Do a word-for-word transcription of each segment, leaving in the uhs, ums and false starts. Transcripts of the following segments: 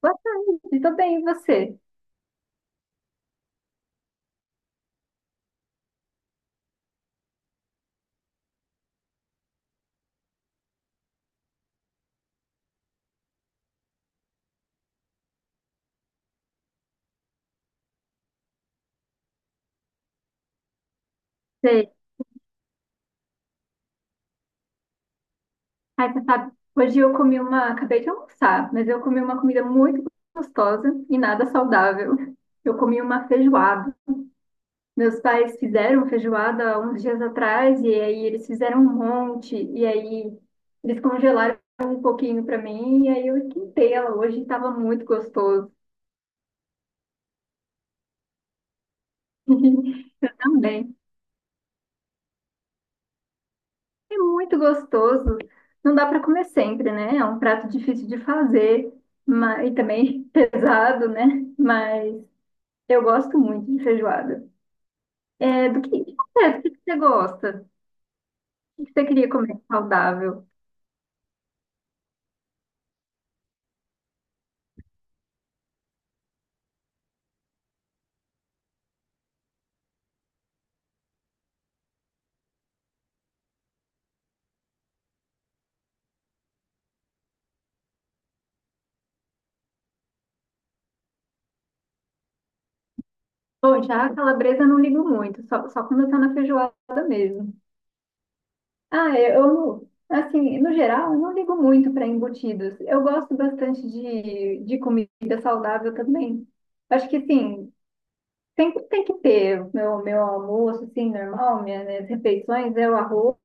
Boa tarde, tô bem, e você? Sei. Ai, você sabe, hoje eu comi uma, acabei de almoçar, mas eu comi uma comida muito gostosa e nada saudável. Eu comi uma feijoada. Meus pais fizeram feijoada há uns dias atrás e aí eles fizeram um monte e aí eles congelaram um pouquinho para mim e aí eu esquentei ela hoje e estava muito gostoso. Eu também. É muito gostoso. Não dá para comer sempre, né? É um prato difícil de fazer, mas, e também pesado, né? Mas eu gosto muito de feijoada. É, do que, de você, do que que você gosta? O que que você queria comer saudável? Bom, já a calabresa eu não ligo muito, só, só quando tá na feijoada mesmo. Ah, é, eu, não- assim, no geral, eu não ligo muito para embutidos. Eu gosto bastante de, de comida saudável também. Acho que sim. Tem, tem que ter o meu, meu almoço, assim, normal, minhas, minhas refeições é o arroz,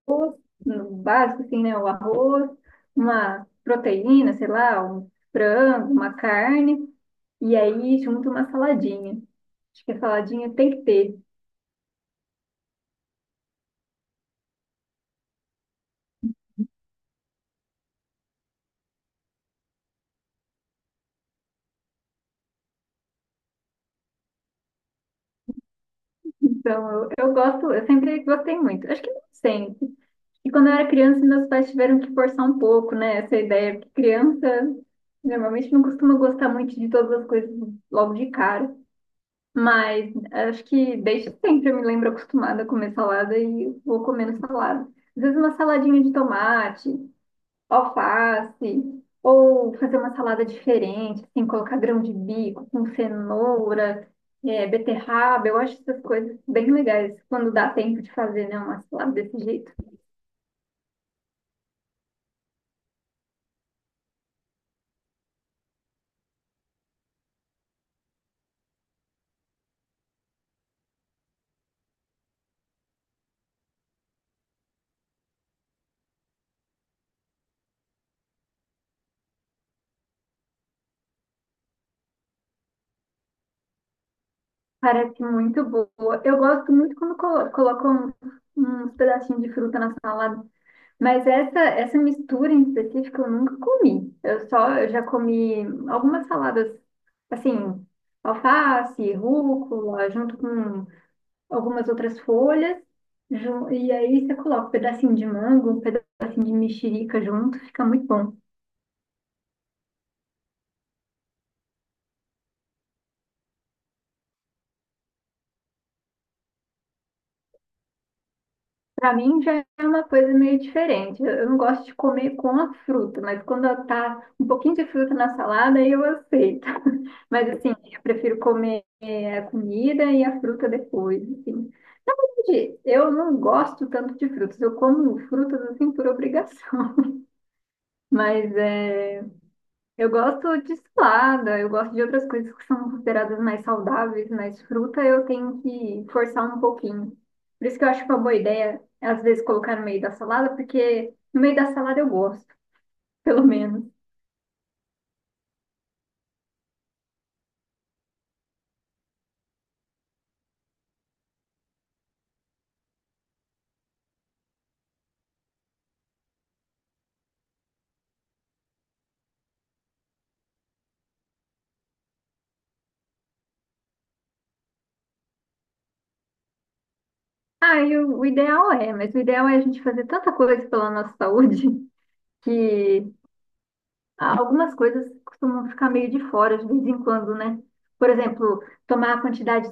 no básico, assim, né? O arroz, uma proteína, sei lá, um frango, uma carne, e aí junto uma saladinha. Acho que a saladinha tem que ter. Então, eu, eu gosto, eu sempre gostei muito. Acho que não sempre. E quando eu era criança, meus pais tiveram que forçar um pouco, né? Essa ideia, porque criança normalmente não costuma gostar muito de todas as coisas logo de cara. Mas acho que desde sempre eu me lembro acostumada a comer salada e vou comendo salada. Às vezes uma saladinha de tomate, alface, ou fazer uma salada diferente, assim, colocar grão de bico com cenoura, é, beterraba. Eu acho essas coisas bem legais quando dá tempo de fazer, né, uma salada desse jeito. Parece muito boa. Eu gosto muito quando colo- colocam uns pedacinhos de fruta na salada. Mas essa, essa mistura em específico eu nunca comi. Eu só, eu já comi algumas saladas, assim, alface, rúcula, junto com algumas outras folhas. ju- E aí você coloca um pedacinho de mango, um pedacinho de mexerica junto, fica muito bom. Pra mim já é uma coisa meio diferente. Eu eu não gosto de comer com a fruta, mas quando eu tá um pouquinho de fruta na salada, aí eu aceito. Mas assim, eu prefiro comer eh, a comida e a fruta depois, assim. Gente, eu não gosto tanto de frutas. Eu como frutas assim por obrigação. Mas é, eu gosto de salada, eu gosto de outras coisas que são consideradas mais saudáveis, mas fruta eu tenho que forçar um pouquinho. Por isso que eu acho uma boa ideia, às vezes, colocar no meio da salada, porque no meio da salada eu gosto, pelo menos. Ah, e o, o ideal é, mas o ideal é a gente fazer tanta coisa pela nossa saúde que Ah, algumas coisas costumam ficar meio de fora de vez em quando, né? Por exemplo, tomar a quantidade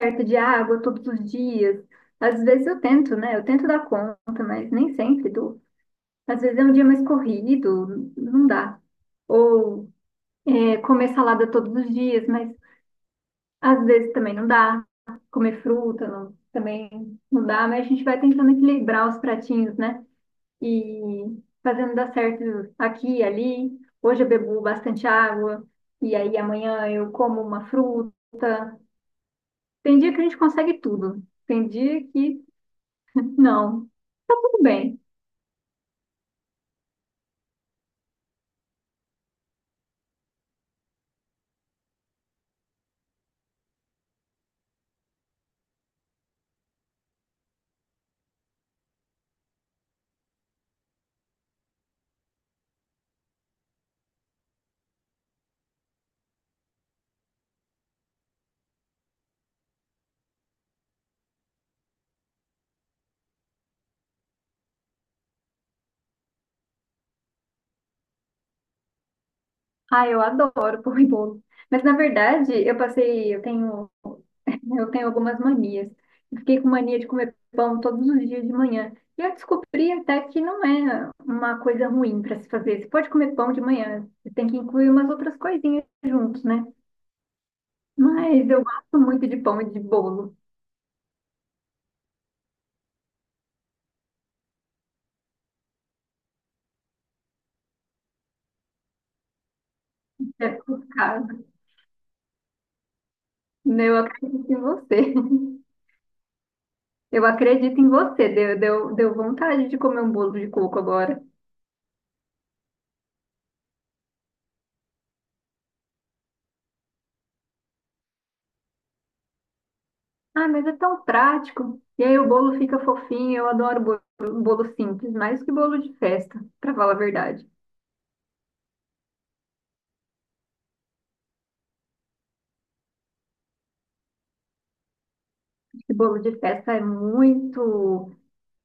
certa de água todos os dias. Às vezes eu tento, né? Eu tento dar conta, mas nem sempre dou. Às vezes é um dia mais corrido, não dá. Ou é, comer salada todos os dias, mas às vezes também não dá. Comer fruta não- Também não dá, mas a gente vai tentando equilibrar os pratinhos, né? E fazendo dar certo aqui e ali. Hoje eu bebo bastante água, e aí amanhã eu como uma fruta. Tem dia que a gente consegue tudo, tem dia que não. Tudo bem. Ah, eu adoro pão e bolo. Mas na verdade, eu passei, eu tenho, eu tenho algumas manias. Eu fiquei com mania de comer pão todos os dias de manhã. E eu descobri até que não é uma coisa ruim para se fazer. Você pode comer pão de manhã, você tem que incluir umas outras coisinhas juntos, né? Mas eu gosto muito de pão e de bolo. É por causa. Né? Eu acredito em você. Eu acredito em você. Deu, deu, deu vontade de comer um bolo de coco agora. Ah, mas é tão prático. E aí o bolo fica fofinho. Eu adoro bolo, bolo simples, mais que bolo de festa, para falar a verdade. Esse bolo de festa é muito,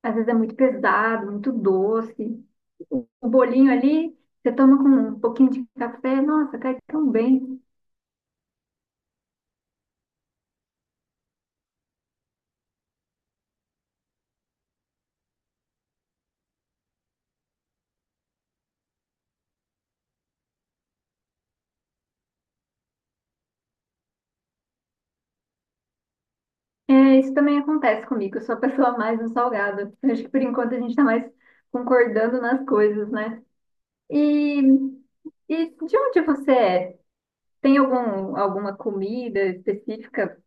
às vezes é muito pesado, muito doce. O, o bolinho ali, você toma com um pouquinho de café, nossa, cai tão bem. É, isso também acontece comigo. Eu sou a pessoa mais no salgado. Eu acho que por enquanto a gente está mais concordando nas coisas, né? E, e de onde você é? Tem algum, alguma comida específica,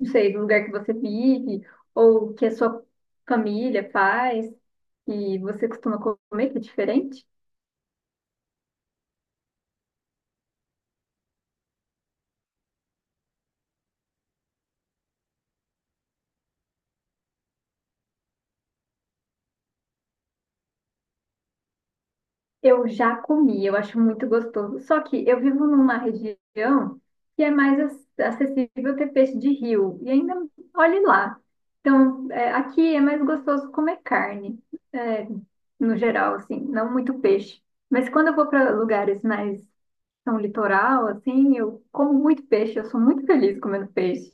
não sei, do lugar que você vive, ou que a sua família faz, e você costuma comer, que é diferente? Eu já comi, eu acho muito gostoso. Só que eu vivo numa região que é mais ac- acessível ter peixe de rio. E ainda, olhe lá. Então, é, aqui é mais gostoso comer carne, é, no geral, assim, não muito peixe. Mas quando eu vou para lugares mais são litoral, assim, eu como muito peixe, eu sou muito feliz comendo peixe.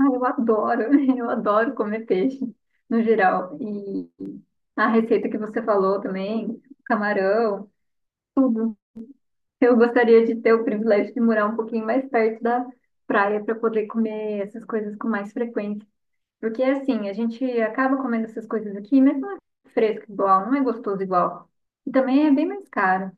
Ah, eu adoro, eu adoro comer peixe, no geral. E a receita que você falou também, camarão. Eu gostaria de ter o privilégio de morar um pouquinho mais perto da praia para poder comer essas coisas com mais frequência. Porque assim, a gente acaba comendo essas coisas aqui, mas não é fresco igual, não é gostoso igual. E também é bem mais caro.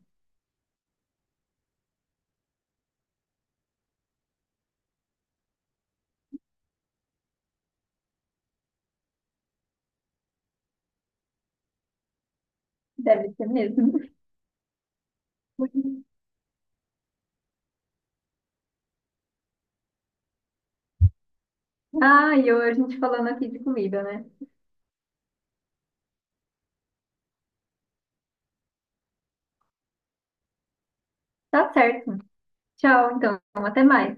Deve ser mesmo. Ah, e eu, a gente falando aqui de comida, né? Tá certo. Tchau, então. Até mais.